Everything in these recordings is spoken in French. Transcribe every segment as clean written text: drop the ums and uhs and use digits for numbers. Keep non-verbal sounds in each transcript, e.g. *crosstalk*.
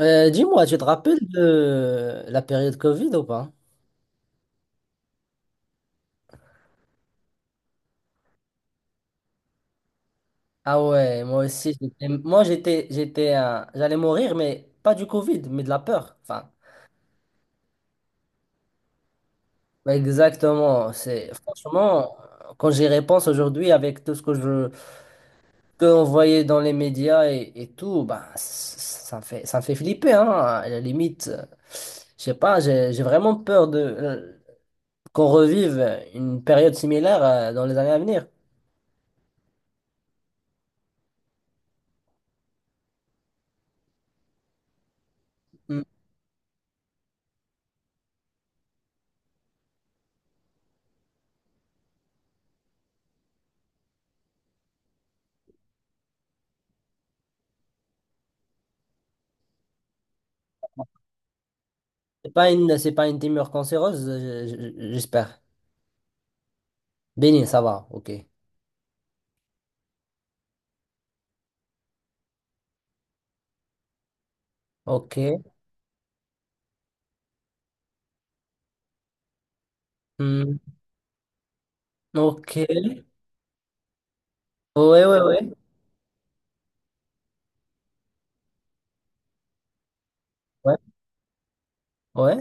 Dis-moi, tu te rappelles de la période Covid ou pas? Ah ouais, moi aussi, moi j'allais mourir, mais pas du Covid, mais de la peur. Enfin, ouais, exactement. C'est franchement, quand j'y repense aujourd'hui, avec tout ce que je peux envoyer dans les médias et tout, bah, ça me fait flipper, hein. À la limite, je sais pas, j'ai vraiment peur de qu'on revive une période similaire dans les années à venir. C'est pas une tumeur cancéreuse, j'espère. Béni, ça va, ok. Ok. Hmm. Ok. Ouais, ouais, ouais. Ouais, ouais,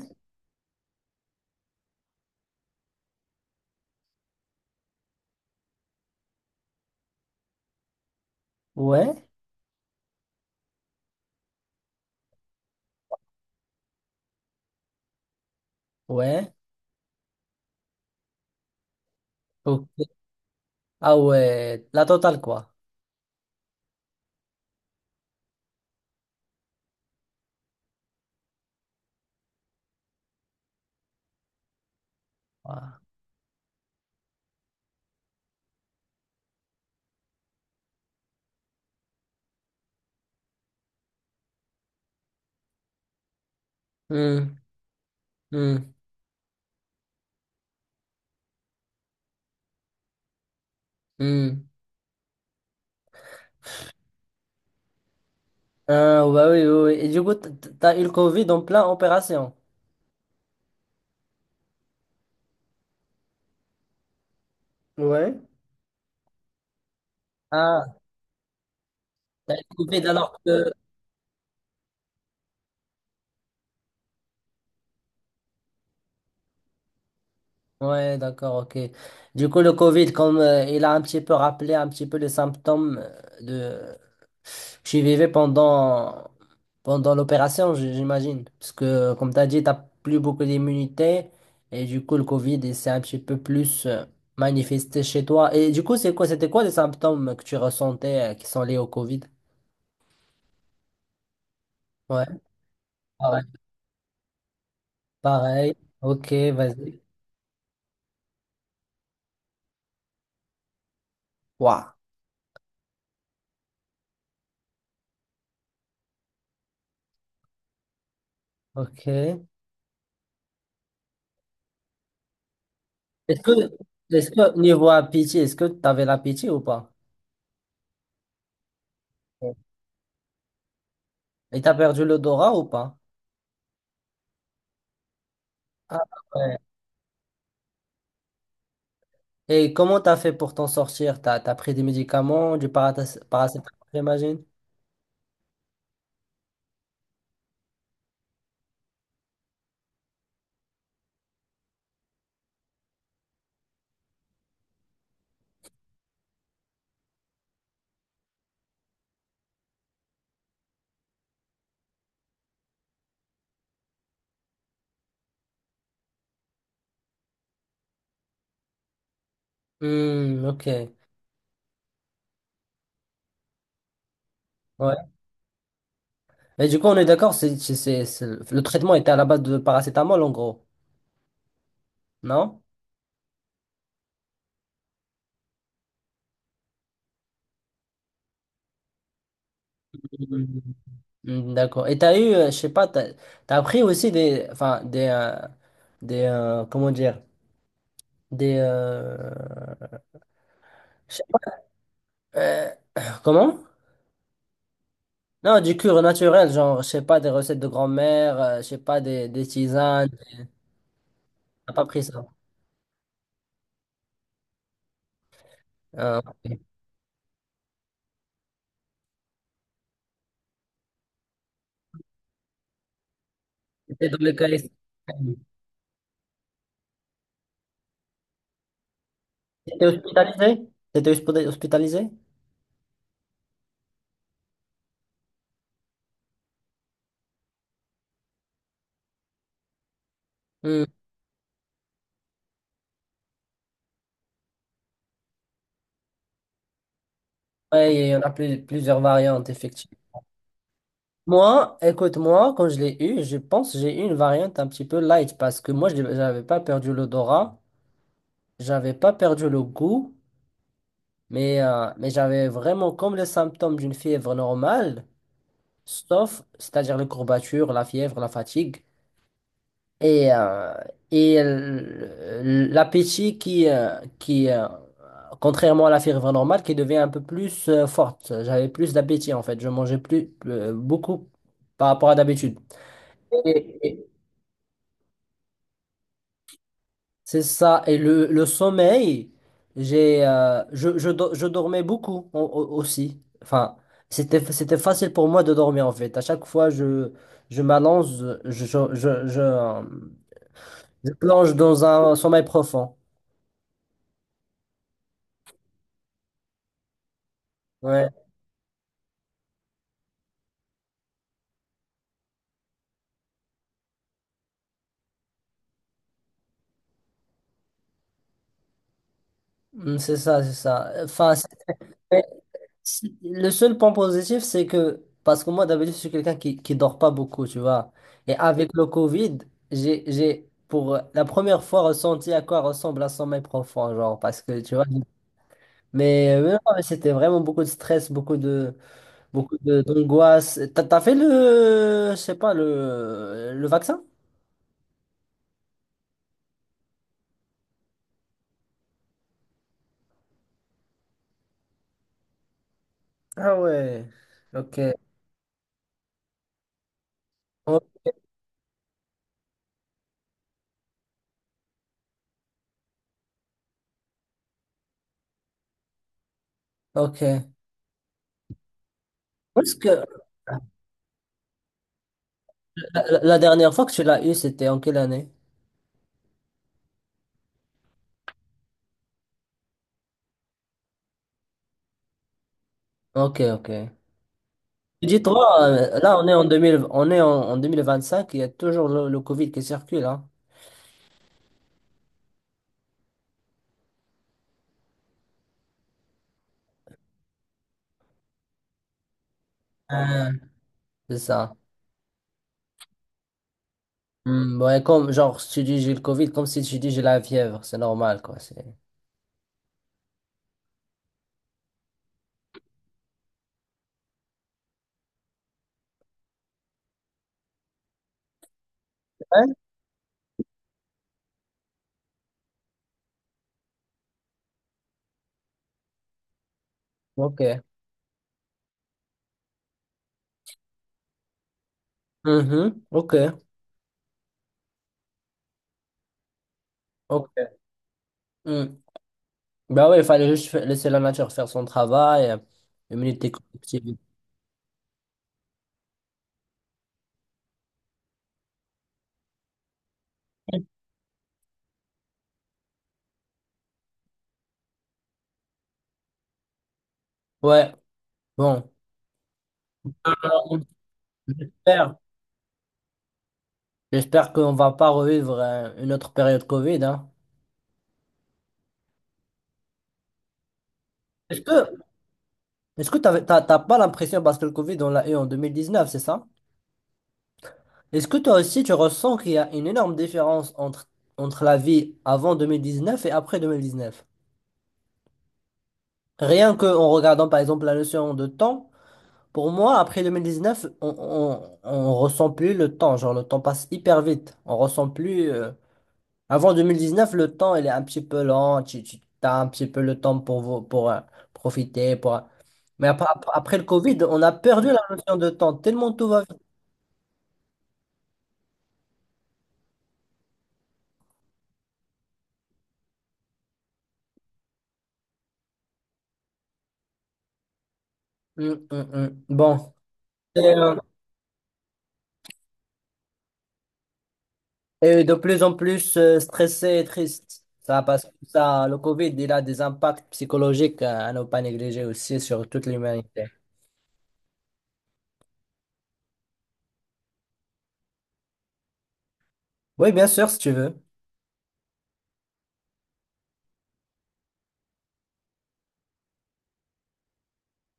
ouais, ouais. Ok. Ah ouais, la totale, quoi. Ah. Hmm, hmm, hmm. Ah, bah oui, oui, oui. Et du coup, t'as eu le Covid en plein opération. Ouais. Ah, t'as eu le Covid alors que... Ouais, d'accord, ok. Du coup, le Covid, comme il a un petit peu rappelé un petit peu les symptômes de que je vivais pendant l'opération, j'imagine, parce que comme tu as dit, t'as plus beaucoup d'immunité et du coup, le Covid, il s'est un petit peu plus manifesté chez toi. Et du coup, c'est quoi, c'était quoi les symptômes que tu ressentais qui sont liés au Covid? Ouais, pareil, pareil. Ok, vas-y. Waouh, ok. Que, est-ce que niveau appétit, est-ce que tu avais l'appétit ou pas? Ouais. Et t'as perdu l'odorat ou pas? Ah ouais. Et comment t'as fait pour t'en sortir? T'as pris des médicaments, du paracétamol, j'imagine? Hmm, ok. Ouais. Et du coup, on est d'accord, le traitement était à la base de paracétamol en gros, non? Mhm. Hmm, d'accord. Et t'as eu, je sais pas, t'as pris aussi des, enfin, comment dire, des, euh, je sais pas, euh, *clears throat* comment? Non, du cure naturel, genre, je sais pas, des recettes de grand-mère, je sais pas, des tisanes. T'as pas pris ça. Ah, ok. T'étais dans le cas. T'étais hospitalisé? T'étais hospitalisé? Hmm. Ouais, il y en a plusieurs variantes, effectivement. Moi, écoute-moi, quand je l'ai eu, je pense que j'ai eu une variante un petit peu light parce que moi, je n'avais pas perdu l'odorat, j'avais pas perdu le goût, mais j'avais vraiment comme les symptômes d'une fièvre normale, sauf, c'est-à-dire les courbatures, la fièvre, la fatigue. Et, euh, et l'appétit qui, contrairement à la fièvre normale, qui devient un peu plus forte. J'avais plus d'appétit en fait. Je mangeais plus beaucoup par rapport à d'habitude. Et- et C'est ça. Et le sommeil, j'ai, je, do- je dormais beaucoup aussi. Enfin, c'était facile pour moi de dormir en fait. À chaque fois, je m'allonge, je, je, je, je, euh, je plonge dans un sommeil profond. Ouais. Hmm, c'est ça, c'est ça. Enfin, mais le seul point positif, c'est que, parce que moi, d'habitude, je suis quelqu'un qui dort pas beaucoup, tu vois. Et avec le Covid, pour la première fois, ressenti à quoi ressemble un sommeil profond, genre, parce que, tu vois. Mais non, mais c'était vraiment beaucoup de stress, d'angoisse. T'as fait je sais pas, le vaccin? Ah ouais, ok. O- Ok. Parce que la dernière fois que tu l'as eu, c'était en quelle année? Ok, ok. Dis-toi, là, on est en 2000, on est en 2025, il y a toujours le Covid qui circule, hein. Ah, c'est ça. Hmm, ouais, comme, genre, si tu dis j'ai le Covid, comme si tu dis j'ai la fièvre, c'est normal, quoi. C'est... ouais. Ok. Mhm. Ok. Ok. Hmm. Bah ouais, il fallait juste laisser la nature faire son travail, immunité collective. Ouais, bon. Euh, J'espère, j'espère qu'on va pas revivre une autre période Covid, hein. Est-ce que t'as pas l'impression, parce que le Covid, on l'a eu en 2019, c'est ça? Est-ce que toi aussi, tu ressens qu'il y a une énorme différence entre la vie avant 2019 et après 2019? Rien que en regardant, par exemple, la notion de temps, pour moi, après 2019 on ressent plus le temps. Genre, le temps passe hyper vite. On ressent plus. Avant neuf, le temps, il est un petit peu lent. Tu as un petit peu le temps pour, pour profiter, pour... Mais après le Covid, on a perdu la notion de temps, tellement tout va. Mm, mm, mm. Bon, et, euh, et de plus en plus stressé et triste. Ça, parce que ça, le Covid, il a des impacts psychologiques à ne pas négliger aussi sur toute l'humanité. Oui, bien sûr, si tu veux.